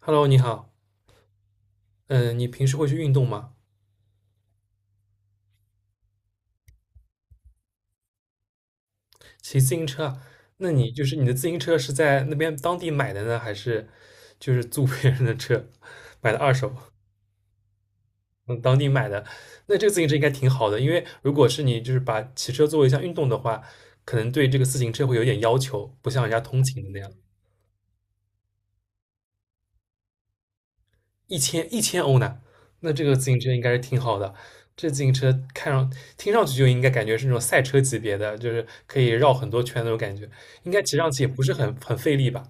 Hello，你好。嗯，你平时会去运动吗？骑自行车啊？那你你的自行车是在那边当地买的呢，还是就是租别人的车买的二手？嗯，当地买的。那这个自行车应该挺好的，因为如果是你就是把骑车作为一项运动的话，可能对这个自行车会有点要求，不像人家通勤的那样。一千欧呢，那这个自行车应该是挺好的。这自行车听上去就应该感觉是那种赛车级别的，就是可以绕很多圈那种感觉，应该骑上去也不是很费力吧？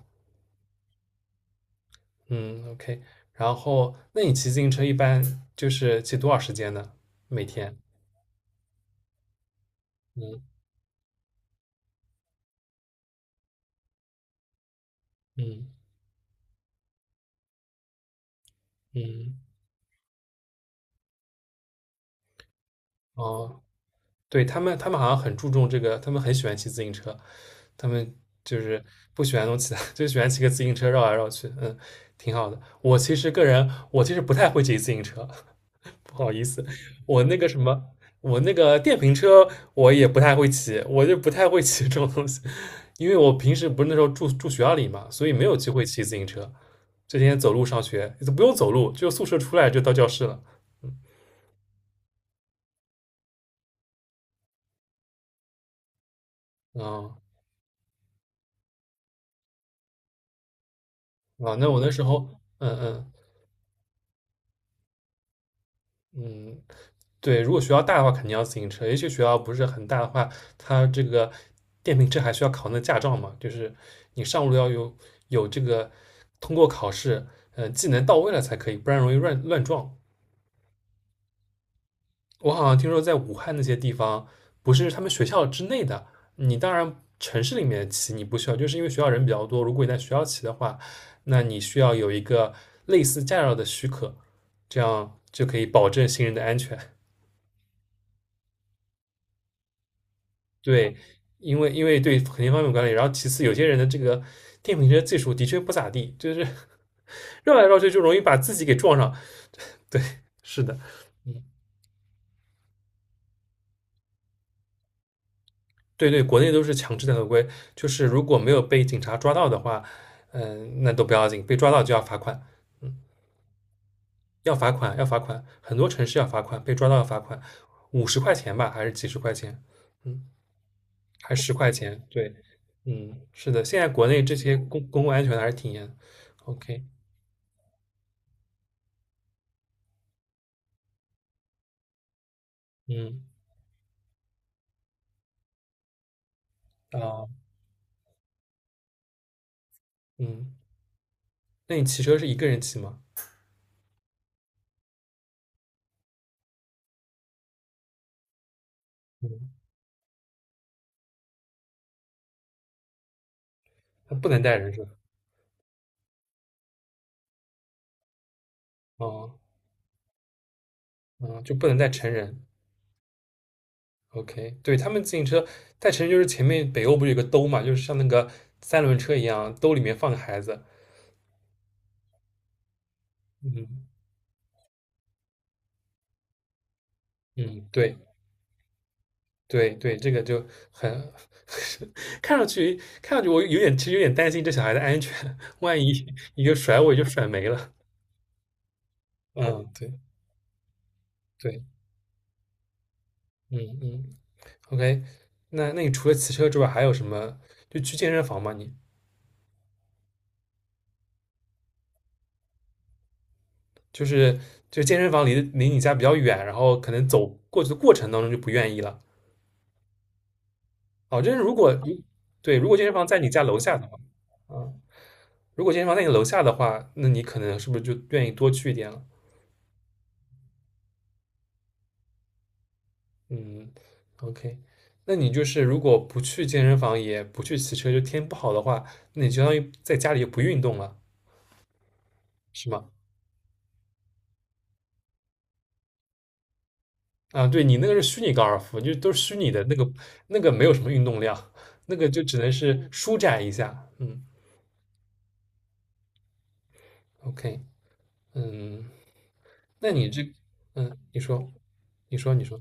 嗯，OK。然后，那你骑自行车一般就是骑多少时间呢？每天？嗯嗯嗯，哦，对，他们好像很注重这个，他们很喜欢骑自行车，他们就是不喜欢弄其他，就喜欢骑个自行车绕来绕去，嗯，挺好的。我其实个人，我其实不太会骑自行车，不好意思，我那个什么，我那个电瓶车我也不太会骑，我就不太会骑这种东西，因为我平时不是那时候住学校里嘛，所以没有机会骑自行车，这天走路上学，都不用走路，就宿舍出来就到教室了。啊、啊，那我那时候，嗯嗯。嗯，对，如果学校大的话，肯定要自行车。也许学校不是很大的话，它这个电瓶车还需要考那驾照嘛，就是你上路要有这个通过考试，嗯，技能到位了才可以，不然容易乱撞。我好像听说在武汉那些地方，不是他们学校之内的，你当然城市里面骑你不需要，就是因为学校人比较多。如果你在学校骑的话，那你需要有一个类似驾照的许可，这样就可以保证行人的安全。对，因为对肯定方面管理，然后其次有些人的这个电瓶车技术的确不咋地，就是绕来绕去就容易把自己给撞上。对，是的，嗯，对对，国内都是强制的合规，就是如果没有被警察抓到的话，嗯，那都不要紧，被抓到就要罚款，嗯，要罚款要罚款，很多城市要罚款，被抓到要罚款，50块钱吧，还是几十块钱，嗯，还十块钱，对，嗯，是的，现在国内这些公共安全还是挺严，OK，嗯。啊，嗯，那你骑车是一个人骑吗？嗯，他不能带人是吧？哦，嗯，就不能带成人。OK，对，他们自行车带成人就是前面北欧不是有个兜嘛，就是像那个三轮车一样，兜里面放个孩子。嗯嗯，对对对，这个就很 看上去看上去我有点其实有点担心这小孩的安全，万一一个甩尾就甩没了。嗯，对对，嗯嗯，OK，那你除了骑车之外还有什么？就去健身房吗你？就是健身房离你家比较远，然后可能走过去的过程当中就不愿意了。哦，就是如果对，如果健身房在你家楼下的话，啊，如果健身房在你楼下的话，那你可能是不是就愿意多去一点了？嗯，OK，那你就是如果不去健身房，也不去骑车，就天不好的话，那你相当于在家里就不运动了，是吗？啊，对你那个是虚拟高尔夫，就都是虚拟的，那个没有什么运动量，那个就只能是舒展一下。嗯，OK，嗯，那你这，嗯，你说，你说，你说，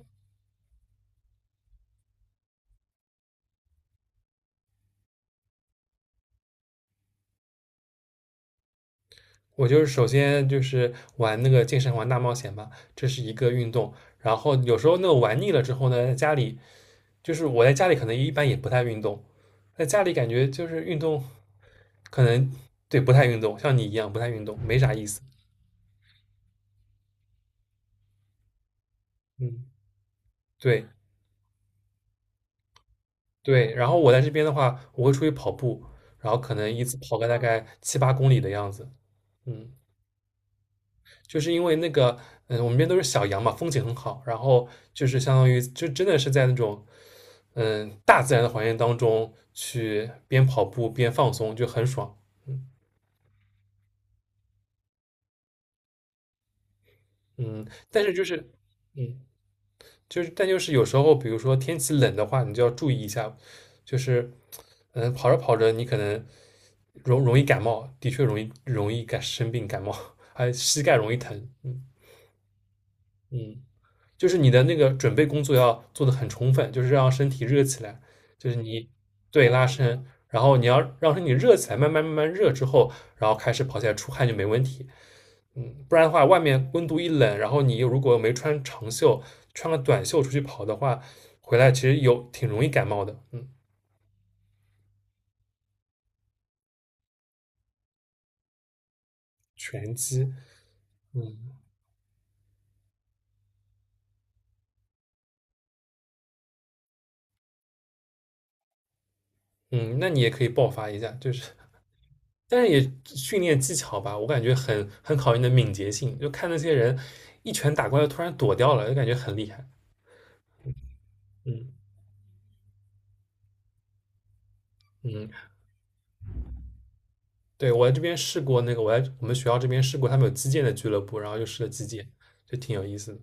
我就是首先就是玩那个健身环大冒险吧，这是一个运动。然后有时候那个玩腻了之后呢，在家里就是我在家里可能一般也不太运动，在家里感觉就是运动可能对不太运动，像你一样不太运动，没啥意思。嗯，对对。然后我在这边的话，我会出去跑步，然后可能一次跑个大概7、8公里的样子。嗯。就是因为那个，嗯，我们这边都是小羊嘛，风景很好，然后就是相当于就真的是在那种，嗯，大自然的环境当中去边跑步边放松，就很爽。嗯嗯，但是就是，嗯，就是但就是有时候，比如说天气冷的话，你就要注意一下，就是，嗯，跑着跑着你可能容易感冒，的确容易生病感冒，还膝盖容易疼。嗯嗯。就是你的那个准备工作要做的很充分，就是让身体热起来，就是你对拉伸，然后你要让身体热起来，慢慢热之后，然后开始跑起来出汗就没问题。嗯，不然的话，外面温度一冷，然后你又如果没穿长袖，穿个短袖出去跑的话，回来其实有挺容易感冒的。嗯，拳击，嗯嗯，那你也可以爆发一下，就是但是也训练技巧吧，我感觉很考验你的敏捷性。就看那些人一拳打过来，突然躲掉了，就感觉很厉害。嗯嗯，对，我在这边试过那个，我在我们学校这边试过，他们有击剑的俱乐部，然后又试了击剑，就挺有意思的。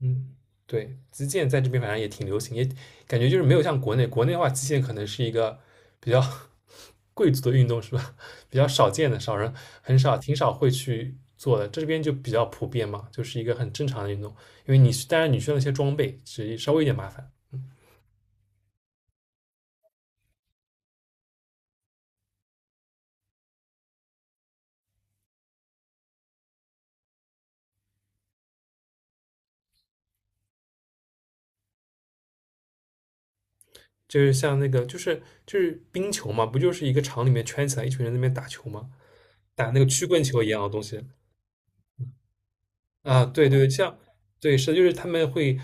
嗯，对，击剑在这边反正也挺流行，也感觉就是没有像国内，国内的话，击剑可能是一个比较 贵族的运动，是吧？比较少见的，少人很少，挺少会去做的。这边就比较普遍嘛，就是一个很正常的运动。因为你去当然你需要那些装备，只是稍微有点麻烦。就是像那个，就是冰球嘛，不就是一个场里面圈起来一群人在那边打球吗？打那个曲棍球一样的东西。啊，对对，像对是的就是他们会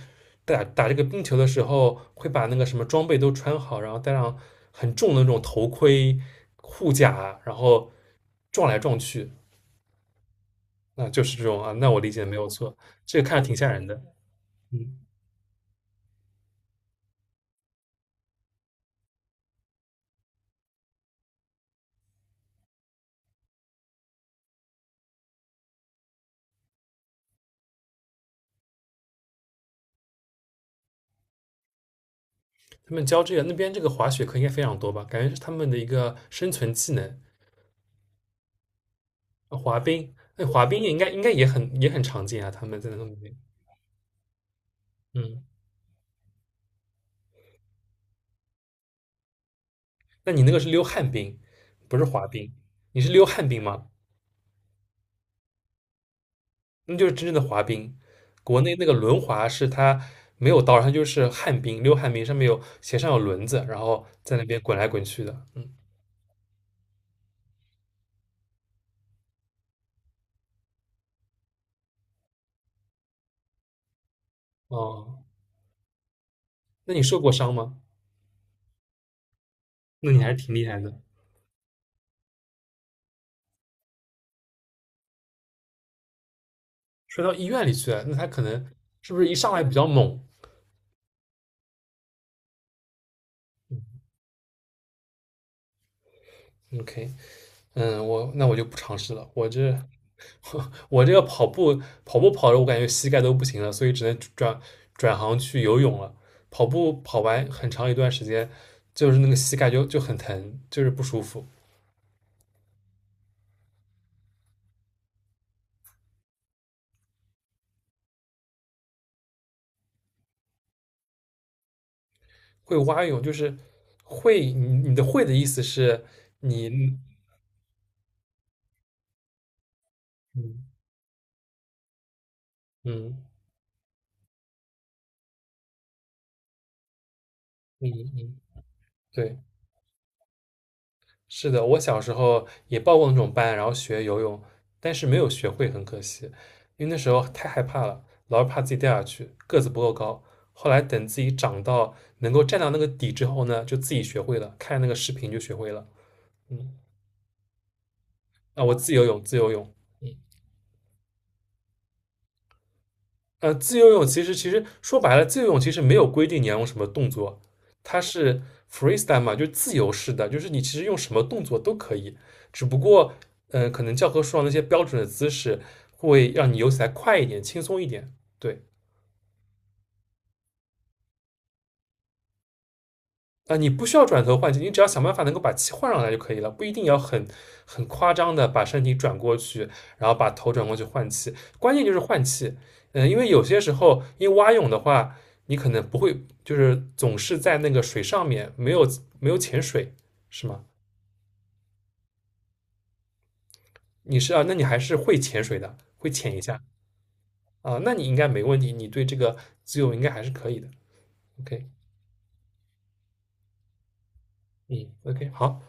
打这个冰球的时候，会把那个什么装备都穿好，然后带上很重的那种头盔、护甲，然后撞来撞去，啊，就是这种啊。那我理解的没有错，这个看着挺吓人的。嗯，他们教这个那边这个滑雪课应该非常多吧？感觉是他们的一个生存技能。啊滑冰，那滑冰也应该也很常见啊，他们在那边。嗯，那你那个是溜旱冰，不是滑冰，你是溜旱冰吗？那就是真正的滑冰。国内那个轮滑是它没有刀，它就是旱冰，溜旱冰，上面有鞋上有轮子，然后在那边滚来滚去的。嗯，哦，那你受过伤吗？那你还是挺厉害的，摔到医院里去了。那他可能是不是一上来比较猛？OK，嗯，我那我就不尝试了。我这 我这个跑步跑着，我感觉膝盖都不行了，所以只能转行去游泳了。跑步跑完很长一段时间，就是那个膝盖就很疼，就是不舒服。会蛙泳就是会，你的会的意思是你，嗯嗯嗯嗯，对，是的，我小时候也报过那种班，然后学游泳，但是没有学会，很可惜，因为那时候太害怕了，老是怕自己掉下去，个子不够高。后来等自己长到能够站到那个底之后呢，就自己学会了，看那个视频就学会了。嗯，啊，我自由泳，自由泳。嗯。呃，自由泳其实说白了，自由泳其实没有规定你要用什么动作，它是 freestyle 嘛，就是自由式的，就是你其实用什么动作都可以，只不过嗯，可能教科书上那些标准的姿势会让你游起来快一点、轻松一点。对，啊，你不需要转头换气，你只要想办法能够把气换上来就可以了，不一定要很夸张的把身体转过去，然后把头转过去换气。关键就是换气，嗯，因为有些时候，因为蛙泳的话，你可能不会，就是总是在那个水上面，没有潜水，是吗？你是啊，那你还是会潜水的，会潜一下啊，那你应该没问题，你对这个自由应该还是可以的。OK，嗯，OK，好。